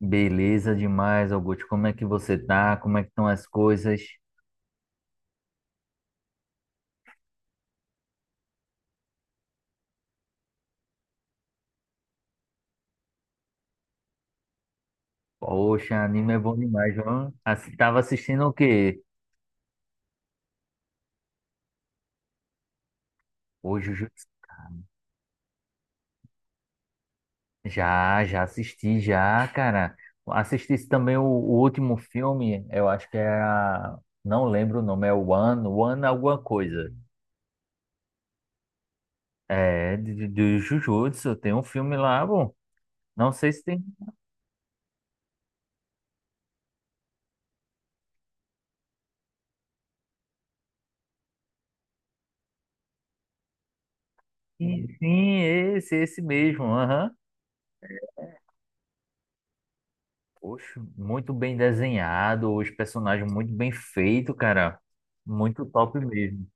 Beleza demais, Augusto. Como é que você tá? Como é que estão as coisas? Poxa, anime é bom demais, viu? Tava assistindo o quê? Hoje o Ju- já assisti, já, cara. Assisti também o último filme, eu acho que era. Não lembro o nome, é One alguma coisa. É, de Jujutsu, tem um filme lá, bom. Não sei se tem. Sim, esse mesmo. Aham. Oxe, muito bem desenhado, os personagens muito bem feitos, cara. Muito top mesmo.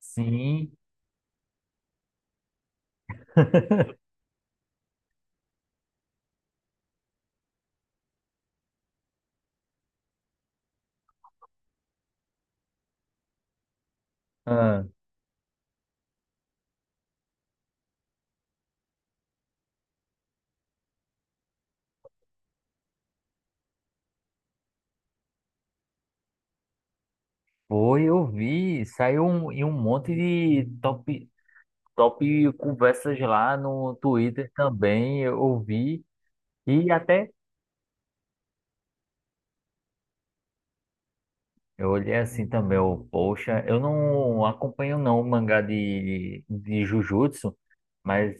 Sim. Ah, foi, eu vi. Saiu um, e um monte de top conversas lá no Twitter também. Eu vi. E até Eu olhei assim também, eu, poxa, eu não acompanho não o mangá de Jujutsu, mas,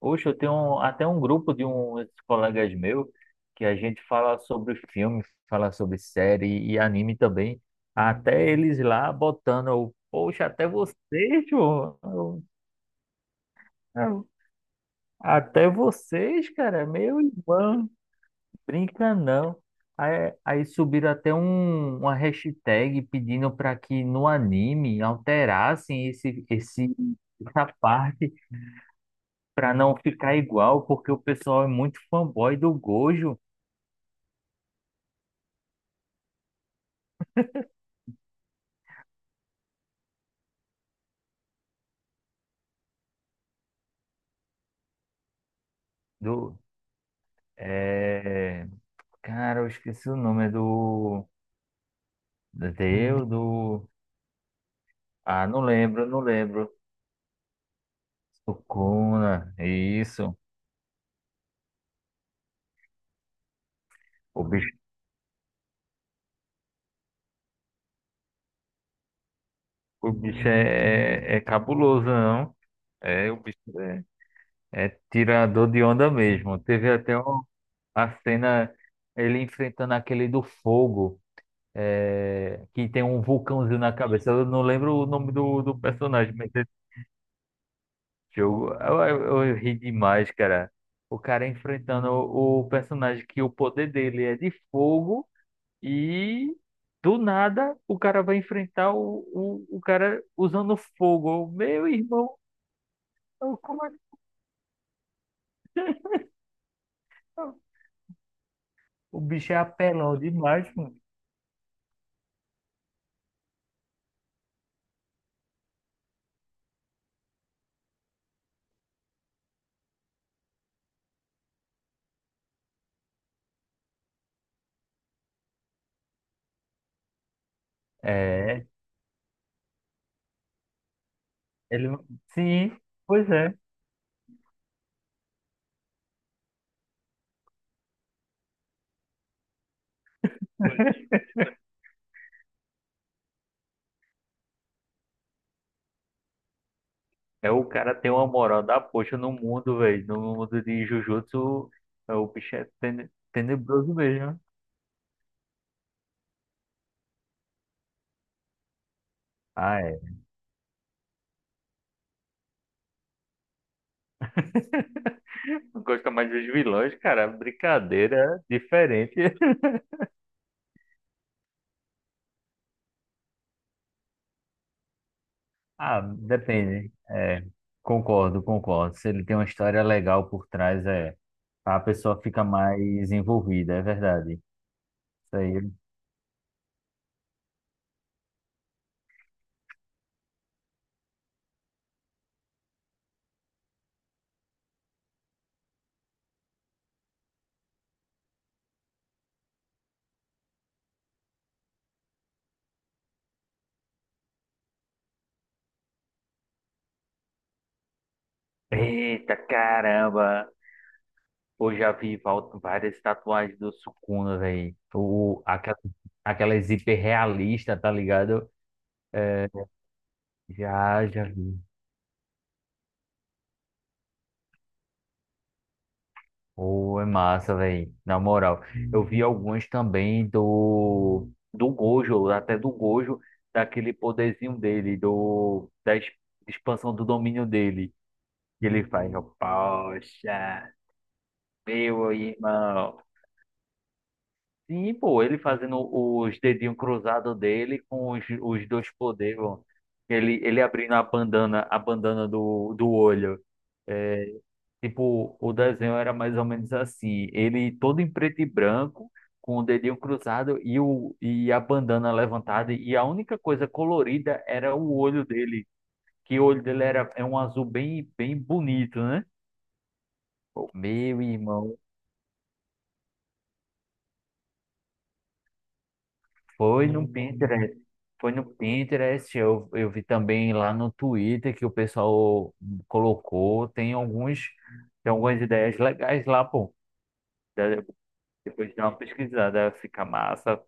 poxa, eu tenho até um grupo de uns colegas meus que a gente fala sobre filme, fala sobre série e anime também, até eles lá botando, eu, poxa, até vocês, pô, eu, até vocês, cara, meu irmão. Brinca não. Aí subiram até um, uma hashtag pedindo para que no anime alterassem essa parte para não ficar igual, porque o pessoal é muito fanboy do Gojo, do, é, cara, eu esqueci o nome, é do, do Deus, do, ah, não lembro, Sukuna, isso, o bicho, o bicho é, é cabuloso, não? É, o bicho. É tirador de onda mesmo. A cena ele enfrentando aquele do fogo, é, que tem um vulcãozinho na cabeça. Eu não lembro o nome do personagem, mas esse jogo eu ri demais, cara. O cara enfrentando o personagem que o poder dele é de fogo e do nada o cara vai enfrentar o cara usando fogo. Meu irmão, como é que. Tá? O bicho é apelão demais, mano. É, Ele não- Sim, pois é. É o cara tem uma moral da poxa no mundo, velho. No mundo de Jujutsu, é, o bicho é tenebroso mesmo. Ah, é. Não gosta mais dos vilões, cara. Brincadeira é diferente. Ah, depende. É, concordo. Se ele tem uma história legal por trás, é. A pessoa fica mais envolvida, é verdade. Isso aí. Eita caramba! Pô, já vi várias tatuagens do Sukuna, velho. Aquela hiper realista, tá ligado? Já vi. Pô, é massa, velho. Na moral. Eu vi algumas também do, do Gojo, até do Gojo, daquele poderzinho dele, do, da expansão do domínio dele. Que ele faz, ó, poxa, meu irmão. Sim, pô, ele fazendo os dedinhos cruzados dele com os dois poderes, ó. Ele abrindo a bandana do, do olho. Tipo, o desenho era mais ou menos assim. Ele todo em preto e branco, com o dedinho cruzado e, o, e a bandana levantada. E a única coisa colorida era o olho dele. Que o olho dele era, é um azul bem bonito, né? Pô, meu irmão. Foi no Pinterest, foi no Pinterest, eu vi também lá no Twitter que o pessoal colocou, tem alguns, tem algumas ideias legais lá, pô. Da- Depois dá uma pesquisada, fica massa.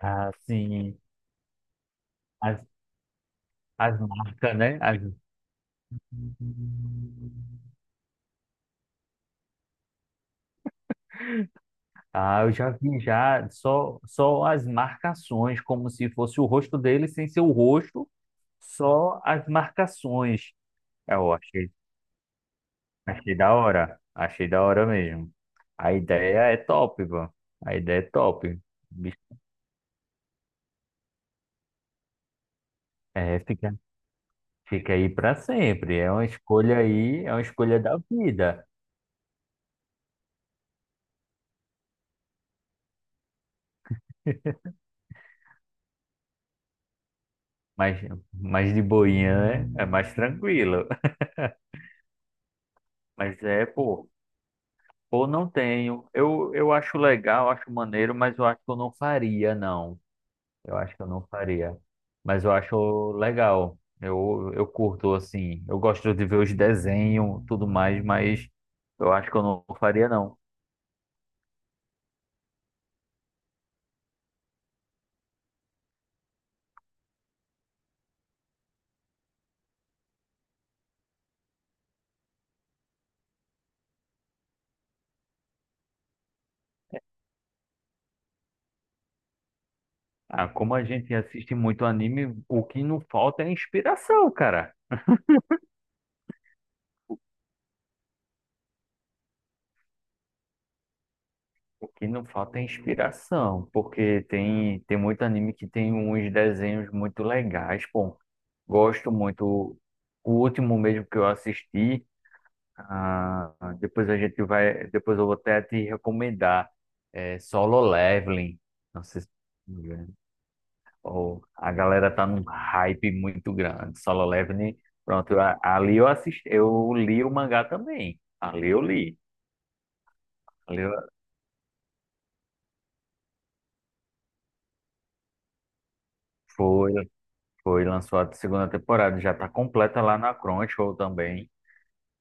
Assim, as, as marcas, né? Ah, eu já vi já só as marcações, como se fosse o rosto dele sem ser o rosto, só as marcações. Eu achei Achei da hora. Achei da hora mesmo. A ideia é top, pô. A ideia é top. Bicho, é, fica aí pra sempre. É uma escolha aí, é uma escolha da vida. Mas, mas de boinha é, é mais tranquilo. Mas é, pô, pô, não tenho. Eu acho legal, acho maneiro, mas eu acho que eu não faria, não. Eu acho que eu não faria. Mas eu acho legal. Eu curto, assim. Eu gosto de ver os desenhos, tudo mais, mas eu acho que eu não faria, não. Ah, como a gente assiste muito anime, o que não falta é inspiração, cara. O que não falta é inspiração, porque tem muito anime que tem uns desenhos muito legais, pô. Gosto muito. O último mesmo que eu assisti. Ah, depois a gente vai, depois eu vou até te recomendar é, Solo Leveling. Não sei se ou a galera tá num hype muito grande. Solo Leveling, pronto, ali eu assisti, eu li o mangá também. Ali eu li. Ali eu- foi, foi lançou a segunda temporada, já tá completa lá na Crunchyroll também.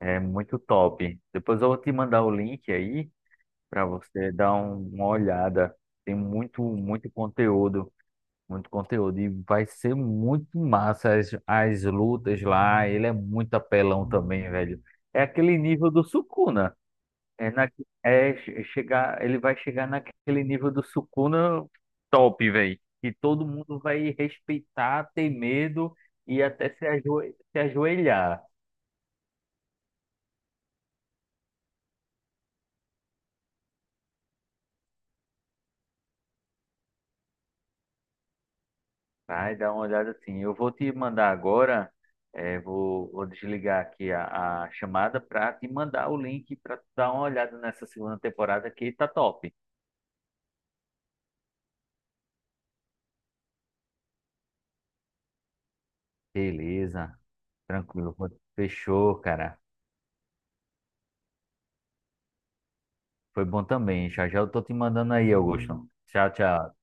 É muito top. Depois eu vou te mandar o link aí para você dar uma olhada. Tem muito conteúdo. Muito conteúdo. E vai ser muito massa as lutas lá. Ele é muito apelão também, velho. É aquele nível do Sukuna. É, na, é chegar, ele vai chegar naquele nível do Sukuna top, velho. Que todo mundo vai respeitar, ter medo e até se, se ajoelhar. Vai dar uma olhada assim. Eu vou te mandar agora, é, vou desligar aqui a chamada para te mandar o link para tu dar uma olhada nessa segunda temporada que tá top. Beleza, tranquilo. Fechou, cara. Foi bom também. Já já eu tô te mandando aí, Augusto. Tchau, tchau.